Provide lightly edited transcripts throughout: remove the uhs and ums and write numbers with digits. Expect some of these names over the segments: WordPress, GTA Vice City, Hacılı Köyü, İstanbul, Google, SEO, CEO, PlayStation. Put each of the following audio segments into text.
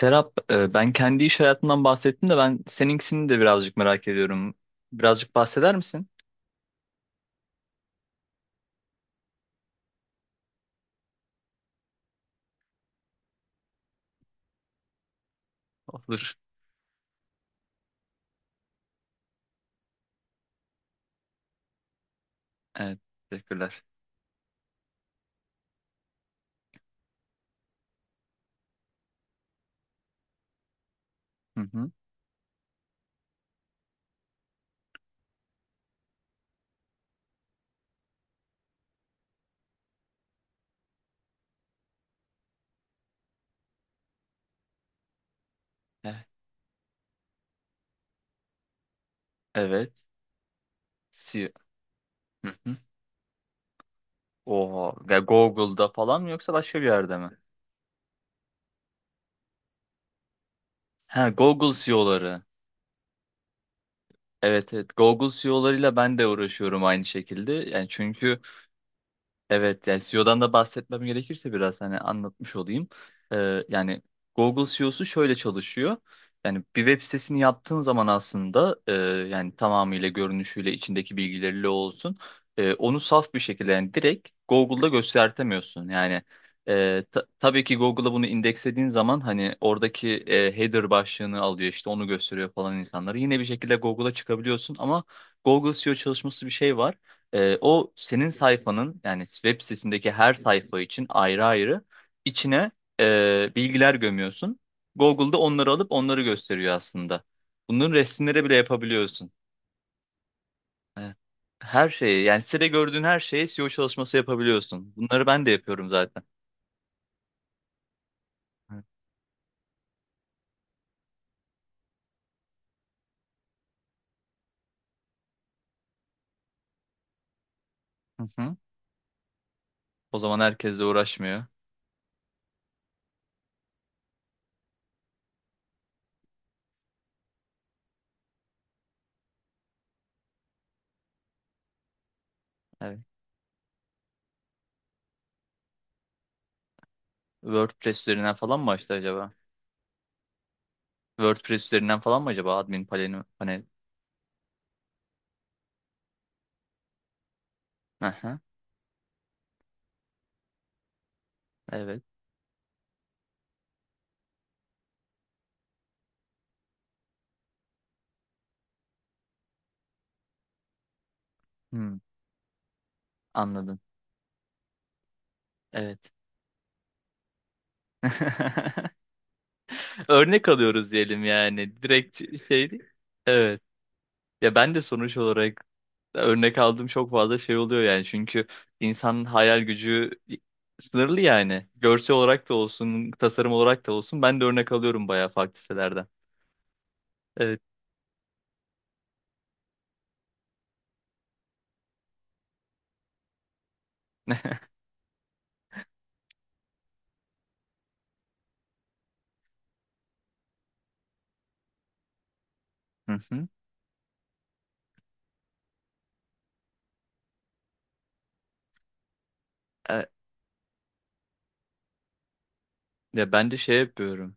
Serap, ben kendi iş hayatından bahsettim de ben seninkisini de birazcık merak ediyorum. Birazcık bahseder misin? Olur. Evet, teşekkürler. Hı hı. Evet. Evet. CEO. Hı hı. Oha. Ve Google'da falan mı yoksa başka bir yerde mi? Ha, Google CEO'ları. Evet, evet. Google CEO'larıyla ben de uğraşıyorum aynı şekilde. Yani çünkü... Evet, yani CEO'dan da bahsetmem gerekirse biraz hani anlatmış olayım. Yani Google CEO'su şöyle çalışıyor. Yani bir web sitesini yaptığın zaman aslında yani tamamıyla görünüşüyle içindeki bilgileriyle olsun onu saf bir şekilde yani direkt Google'da göstertemiyorsun. Yani tabii ki Google'a bunu indekslediğin zaman hani oradaki header başlığını alıyor, işte onu gösteriyor falan insanları. Yine bir şekilde Google'a çıkabiliyorsun ama Google SEO çalışması bir şey var. O senin sayfanın yani web sitesindeki her sayfa için ayrı ayrı içine bilgiler gömüyorsun. Google'da onları alıp onları gösteriyor aslında. Bunun resimleri bile yapabiliyorsun. Evet. Her şeyi yani sitede gördüğün her şeye SEO çalışması yapabiliyorsun. Bunları ben de yapıyorum zaten. Evet. Hı hı. O zaman herkesle uğraşmıyor. Evet. WordPress üzerinden falan mı açtı acaba? WordPress üzerinden falan mı acaba admin paneli? Panel? Hı hı. Evet. Hmm, anladım. Evet. Örnek alıyoruz diyelim yani. Direkt şey değil. Evet. Ya ben de sonuç olarak örnek aldığım çok fazla şey oluyor yani. Çünkü insanın hayal gücü sınırlı yani. Görsel olarak da olsun, tasarım olarak da olsun. Ben de örnek alıyorum bayağı farklı sitelerden. Evet. Hı hı. E, Ya ben de şey yapıyorum.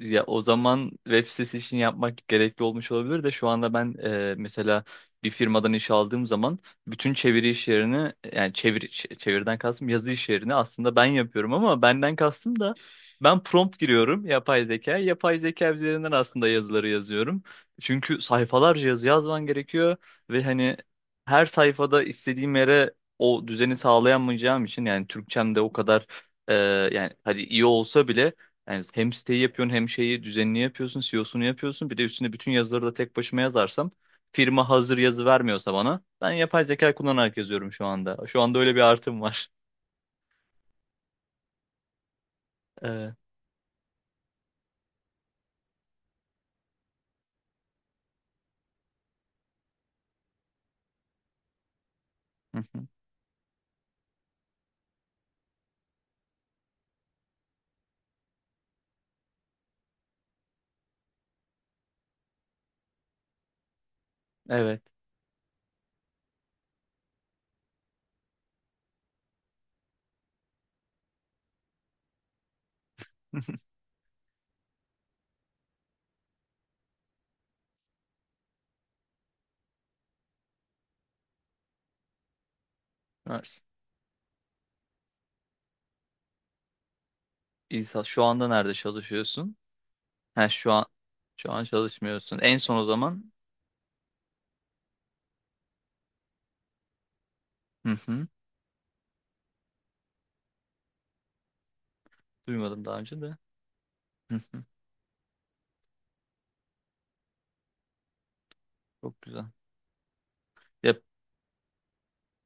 Ya o zaman web sitesi için yapmak gerekli olmuş olabilir de şu anda ben mesela bir firmadan iş aldığım zaman bütün çeviri iş yerini yani çeviriden kastım yazı iş yerini aslında ben yapıyorum ama benden kastım da ben prompt giriyorum yapay zeka. Yapay zeka üzerinden aslında yazıları yazıyorum. Çünkü sayfalarca yazı yazman gerekiyor ve hani her sayfada istediğim yere o düzeni sağlayamayacağım için yani Türkçem de o kadar e, yani hadi iyi olsa bile yani hem siteyi yapıyorsun hem şeyi düzenini yapıyorsun, CEO'sunu yapıyorsun. Bir de üstüne bütün yazıları da tek başıma yazarsam, firma hazır yazı vermiyorsa bana, ben yapay zeka kullanarak yazıyorum şu anda. Şu anda öyle bir artım var. Hı hı. Evet. Nice. İsa şu anda nerede çalışıyorsun? Ha, şu an çalışmıyorsun. En son o zaman hı hı. Duymadım daha önce de. Hı hı. Çok güzel. Ya,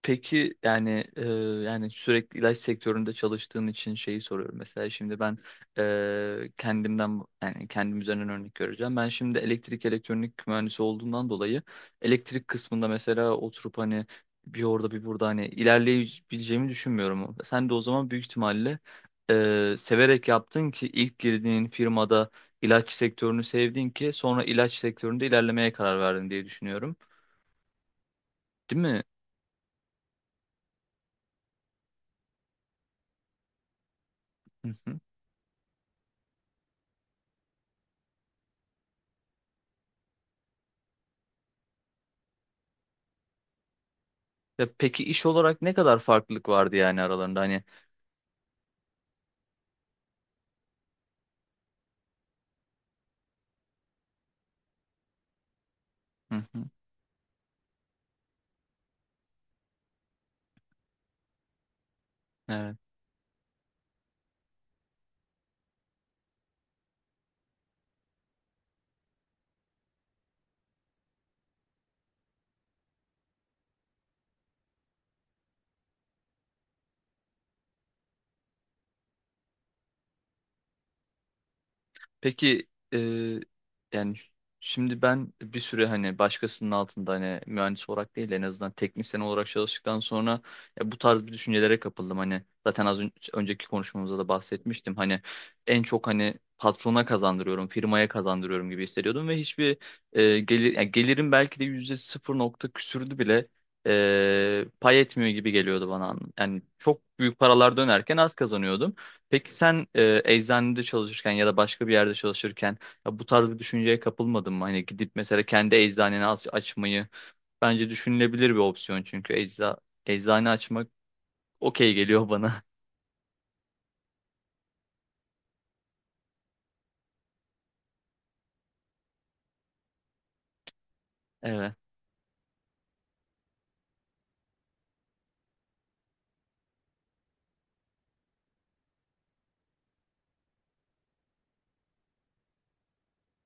peki yani yani sürekli ilaç sektöründe çalıştığın için şeyi soruyorum. Mesela şimdi ben kendimden yani kendim üzerinden örnek vereceğim. Ben şimdi elektrik elektronik mühendisi olduğumdan dolayı elektrik kısmında mesela oturup hani bir orada bir burada hani ilerleyebileceğimi düşünmüyorum. Sen de o zaman büyük ihtimalle severek yaptın ki ilk girdiğin firmada ilaç sektörünü sevdin ki sonra ilaç sektöründe ilerlemeye karar verdin diye düşünüyorum. Değil mi? Ya peki iş olarak ne kadar farklılık vardı yani aralarında hani? Hı hı. Evet. Peki yani şimdi ben bir süre hani başkasının altında hani mühendis olarak değil en azından teknisyen olarak çalıştıktan sonra ya bu tarz bir düşüncelere kapıldım. Hani zaten az önceki konuşmamızda da bahsetmiştim. Hani en çok hani patrona kazandırıyorum, firmaya kazandırıyorum gibi hissediyordum ve hiçbir gelir yani gelirim belki de yüzde sıfır nokta küsürdü bile pay etmiyor gibi geliyordu bana. Yani çok büyük paralar dönerken az kazanıyordum. Peki sen eczanede çalışırken ya da başka bir yerde çalışırken ya bu tarz bir düşünceye kapılmadın mı? Hani gidip mesela kendi eczaneni açmayı bence düşünülebilir bir opsiyon, çünkü eczane açmak okey geliyor bana. Evet.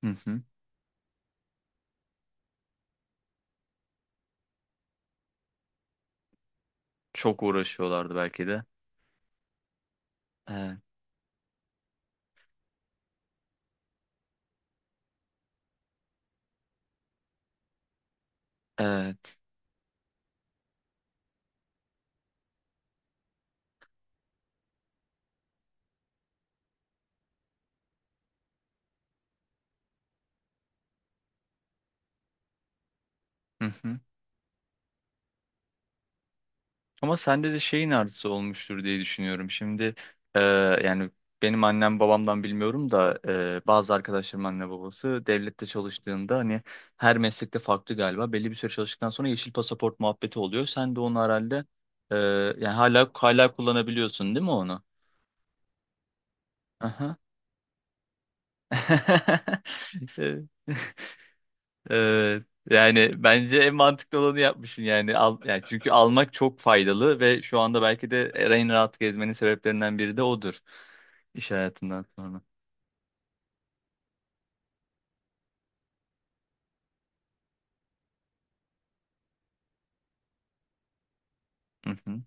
Hı hı. Çok uğraşıyorlardı belki de. Evet. Evet. Ama sende de şeyin artısı olmuştur diye düşünüyorum. Şimdi e, yani benim annem babamdan bilmiyorum da bazı arkadaşlarım anne babası devlette çalıştığında hani her meslekte farklı galiba. Belli bir süre çalıştıktan sonra yeşil pasaport muhabbeti oluyor. Sen de onu herhalde e, yani hala kullanabiliyorsun değil mi onu? Aha. Evet. Ee, yani bence en mantıklı olanı yapmışsın yani. Al, yani çünkü almak çok faydalı ve şu anda belki de en rahat gezmenin sebeplerinden biri de odur. İş hayatından sonra. Hı hı.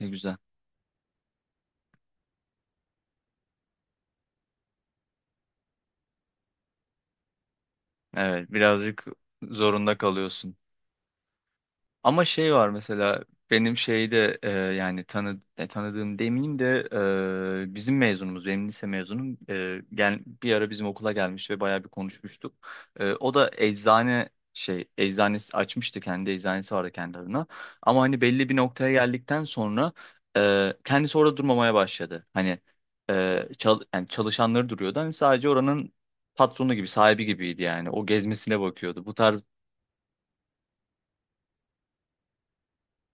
Ne güzel. Evet, birazcık zorunda kalıyorsun. Ama şey var mesela benim şeyde yani tanıdığım demeyeyim de bizim mezunumuz, benim lise mezunum, bir ara bizim okula gelmiş ve bayağı bir konuşmuştuk. O da eczanesi açmıştı, kendi eczanesi vardı kendi adına. Ama hani belli bir noktaya geldikten sonra kendisi orada durmamaya başladı. Hani yani çalışanları duruyordu, hani sadece oranın patronu gibi, sahibi gibiydi, yani o gezmesine bakıyordu bu tarz.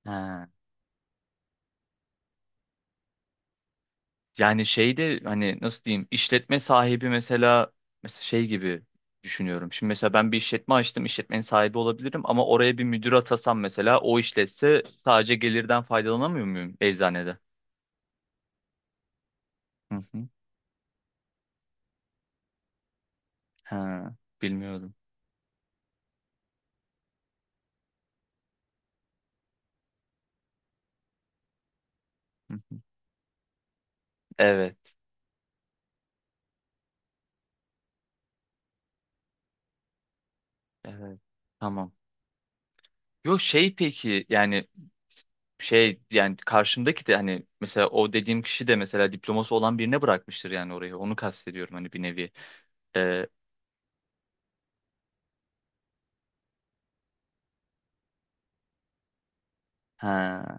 He. Yani şeyde hani, nasıl diyeyim, işletme sahibi mesela şey gibi düşünüyorum. Şimdi mesela ben bir işletme açtım, işletmenin sahibi olabilirim ama oraya bir müdür atasam mesela, o işletse, sadece gelirden faydalanamıyor muyum eczanede? Hı hı. Ha, bilmiyordum. Hı hı. Evet, evet. Tamam. Yok şey peki yani, şey yani karşımdaki de hani mesela o dediğim kişi de mesela diploması olan birine bırakmıştır yani orayı. Onu kastediyorum hani bir nevi. Ee, ha,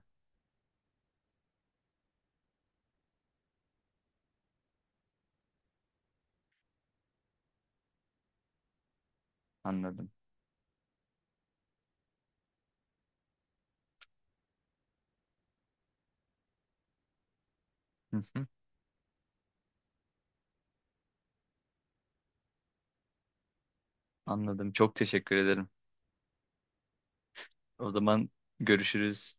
anladım. Anladım. Çok teşekkür ederim. O zaman görüşürüz.